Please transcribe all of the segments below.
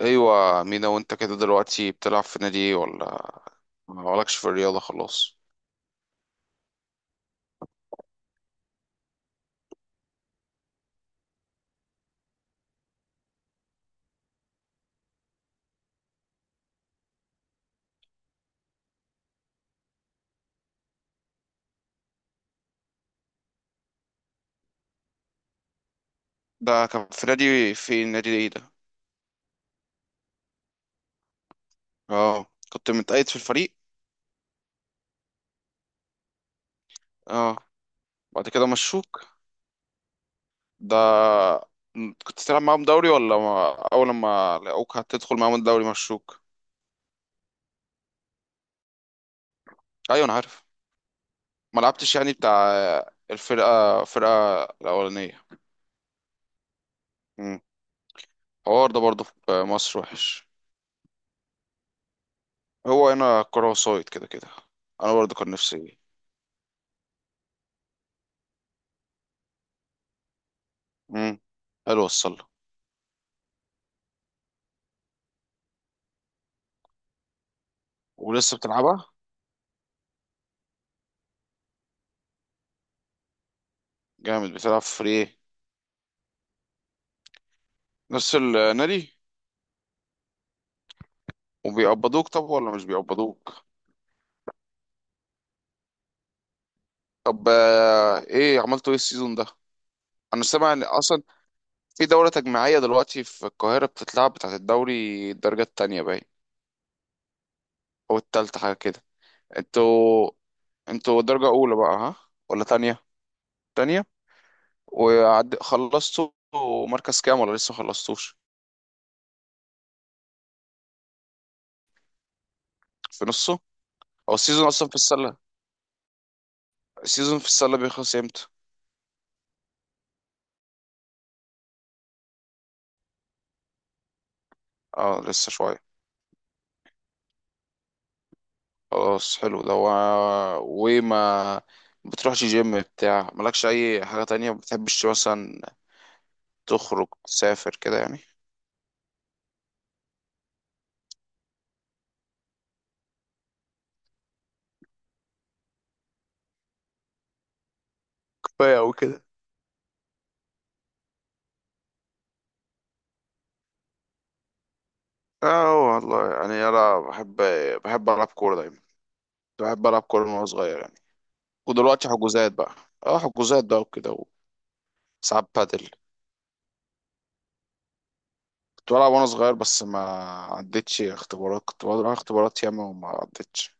ايوه مينا، وانت كده دلوقتي بتلعب في نادي ايه؟ ولا مالكش في الرياضه خلاص؟ ده كان في نادي، في نادي ايه ده؟ اه. كنت متقيد في الفريق؟ اه. بعد كده مشوك؟ ده كنت تلعب معاهم دوري ولا ما... اول ما لقوك هتدخل معاهم الدوري مشوك؟ ايوه انا عارف. ما لعبتش يعني بتاع الفرقه الاولانيه؟ امم الحوار ده برضه في مصر وحش. هو هنا كرة وسايد كده كده. انا برضه كان نفسي. امم حلو، وصل. ولسه بتلعبها؟ جامد. بتلعب فري ايه؟ نفس النادي. وبيقبضوك طب ولا مش بيقبضوك؟ طب ايه عملتوا ايه السيزون ده؟ انا سامع ان اصلا في دورة تجميعية دلوقتي في القاهرة بتتلعب، بتاعت الدوري الدرجة التانية باين، او التالتة حاجة كده. انتوا، انتوا درجة أولى بقى ها ولا تانية؟ تانية. وعد خلصتوا مركز كام ولا لسه خلصتوش؟ في نصه. هو السيزون أصلا في السلة، السيزون في السلة بيخلص امتى؟ اه لسه شوية. خلاص حلو. ده و... وما بتروحش جيم؟ بتاع مالكش أي حاجة تانية ما بتحبش مثلا تخرج تسافر كده يعني؟ كفايه او كده. اه والله يعني انا بحب، بحب العب كوره دايما. كنت بحب العب كوره من وانا صغير يعني. ودلوقتي حجوزات بقى. اه حجوزات بقى وكده، وساعات بادل. كنت بلعب وانا صغير بس ما عدتش اختبارات. كنت بقعد ألعب اختبارات ياما وما عدتش.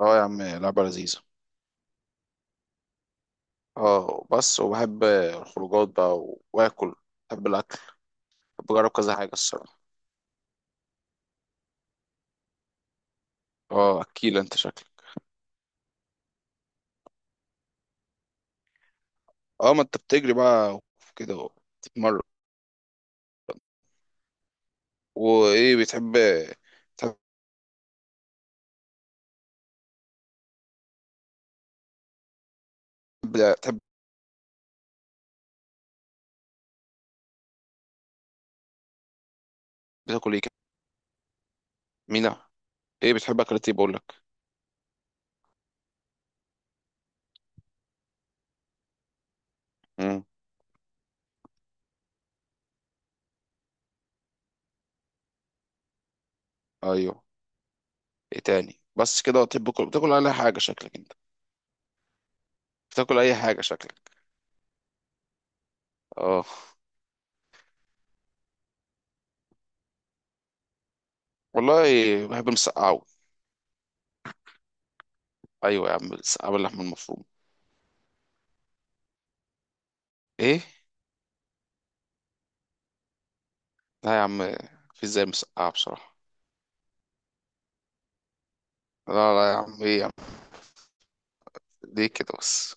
اه يا عم، لعبة لذيذة. اه بس وبحب الخروجات بقى واكل. بحب الاكل. بحب اجرب كذا حاجة الصراحة. اه اكيل انت شكلك. اه ما انت بتجري بقى كده وتتمرن. وايه بتحب؟ تحب تحب تاكل ايه كده؟ مينا، ايه بتحب؟ اكلات ايه بقول لك؟ امم ايوه. ايه تاني بس كده؟ بتحب تاكل، بتاكل اي حاجة شكلك انت؟ بتاكل اي حاجة شكلك؟ اه والله. بحب المسقعة أوي. أيوة يا عم، المسقعة باللحمة المفرومة. إيه؟ لا يا عم، في زي مسقعة بصراحة. لا لا يا عم، إيه يا عم، ليه كده بس؟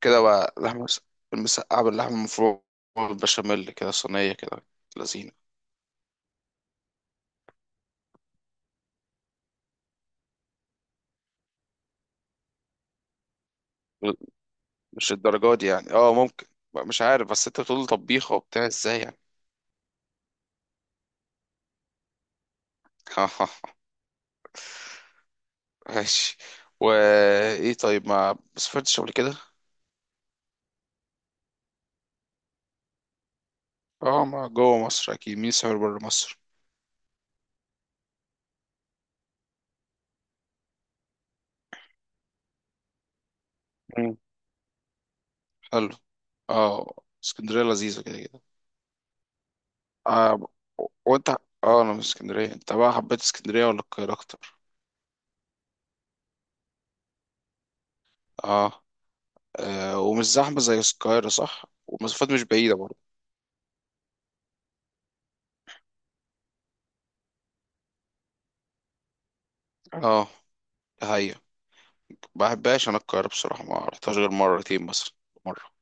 كده بقى. المسقعة باللحمة المفرومة والبشاميل كده، صينية كده، لذينة. مش الدرجة دي يعني، اه ممكن. بقى، مش عارف، بس انت بتقول طبيخة وبتاع ازاي يعني. ها ماشي. وايه طيب، ما سافرتش قبل كده؟ اه ما جوه مصر اكيد. مين سافر بره مصر؟ مم. حلو. اه. اسكندرية لذيذة كده كده. آه. وانت؟ اه انا من اسكندريه. انت بقى حبيت اسكندريه ولا القاهره اكتر؟ اه، آه. ومش زحمه زي القاهره صح؟ ومسافات مش بعيده برضه. اه. ده هي، ما بحبهاش انا القاهره بصراحه. ما رحتهاش غير مرتين مثلا، مره.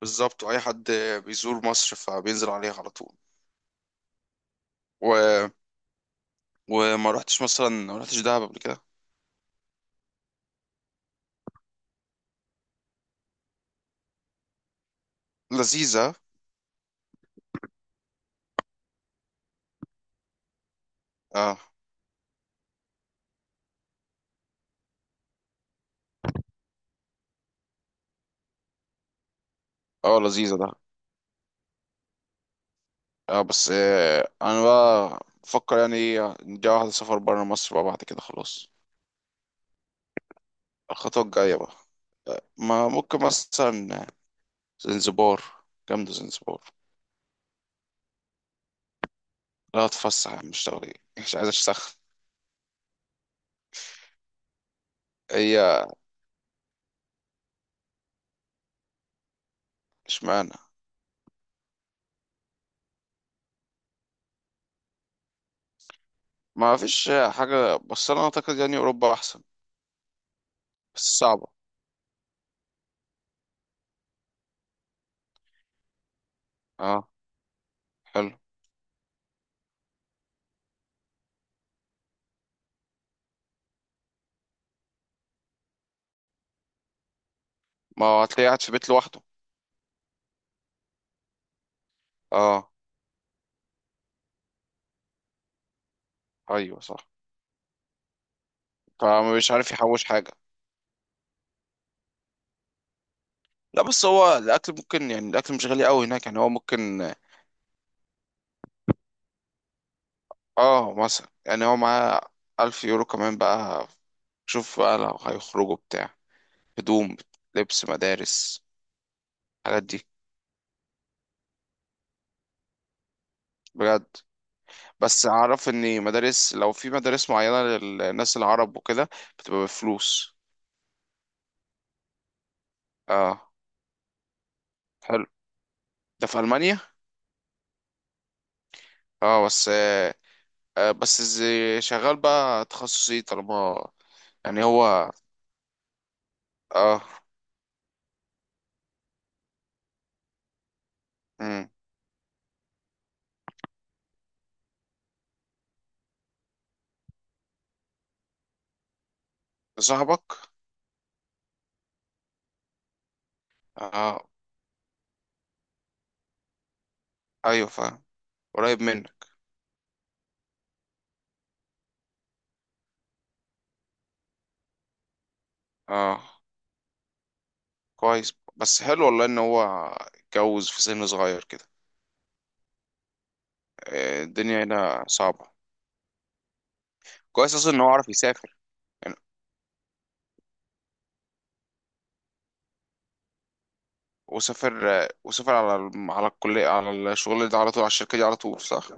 بالظبط. واي حد بيزور مصر فبينزل عليها على طول. و... وما رحتش مثلا، ما رحتش دهب قبل كده؟ لذيذه. اه. اه لذيذه ده. اه بس انا بقى بفكر يعني نجي واحده سفر بره مصر بقى بعد كده خلاص. الخطوه الجايه بقى. ما ممكن مثلا زنزبار. جامدة زنزبار. لا هتفسح مش تغريب، مش عايز اشتغل. هي. اشمعنى؟ ما فيش حاجة، بس انا اعتقد يعني اوروبا احسن. بس صعبة. اه حلو. ما هو هتلاقيه قاعد في بيت لوحده. اه. ايوه صح. فمش عارف يحوش حاجة. لا بس هو الاكل ممكن يعني، الاكل مش غالي قوي هناك يعني، هو ممكن. اه مثلا، يعني هو معاه الف يورو كمان بقى. شوف بقى لو هيخرجوا بتاع، هدوم، لبس مدارس، الحاجات دي. بجد. بس اعرف ان مدارس، لو في مدارس معينة للناس العرب وكده، بتبقى بفلوس. اه. حلو. ده في المانيا؟ اه بس بس شغال بقى تخصصي طالما، يعني هو. اه. امم صاحبك؟ اه. ايوه فاهم. قريب منك. اه كويس. بس حلو والله ان هو اتجوز في سن صغير كده. الدنيا هنا صعبة. كويس اصلا ان هو عارف يسافر يعني. وسافر، وسافر على على الكلية، على الشغل ده على طول، على الشركة دي على طول صح؟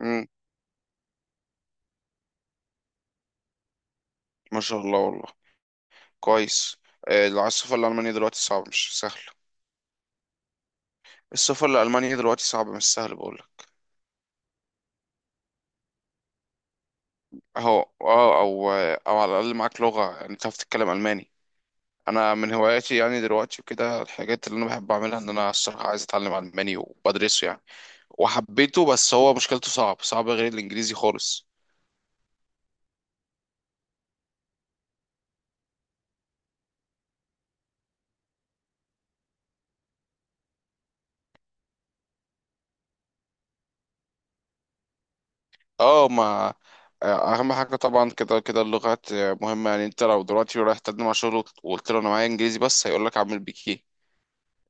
امم. ما شاء الله والله. كويس. لو عايز السفر لألمانيا دلوقتي صعب مش سهل. السفر لألمانيا دلوقتي صعب مش سهل بقولك. أهو أه. أو أو على الأقل معاك لغة، يعني تعرف تتكلم ألماني. أنا من هواياتي يعني دلوقتي وكده، الحاجات اللي أنا بحب أعملها، إن أنا الصراحة عايز أتعلم ألماني وبدرسه يعني. وحبيته، بس هو مشكلته صعب، صعب غير الإنجليزي خالص. اه ما اهم حاجه طبعا كده كده اللغات مهمه. يعني انت لو دلوقتي رايح تقدم على شغل وقلت له انا معايا انجليزي بس، هيقول لك اعمل بيك ايه؟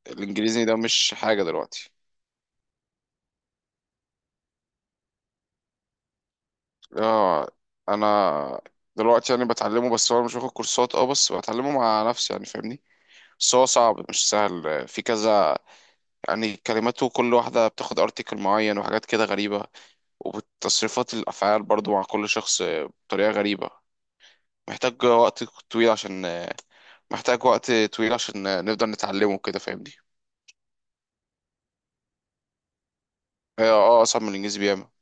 الانجليزي ده مش حاجه دلوقتي. اه انا دلوقتي يعني بتعلمه، بس هو أنا مش واخد كورسات، اه بس بتعلمه مع نفسي يعني فاهمني. بس هو صعب مش سهل في كذا يعني. كلماته كل واحده بتاخد ارتكل معين وحاجات كده غريبه. وتصريفات الافعال برضو مع كل شخص بطريقه غريبه. محتاج وقت طويل عشان آه، محتاج وقت طويل عشان نقدر نتعلمه كده فاهمني. اه اصعب من الانجليزي بياما.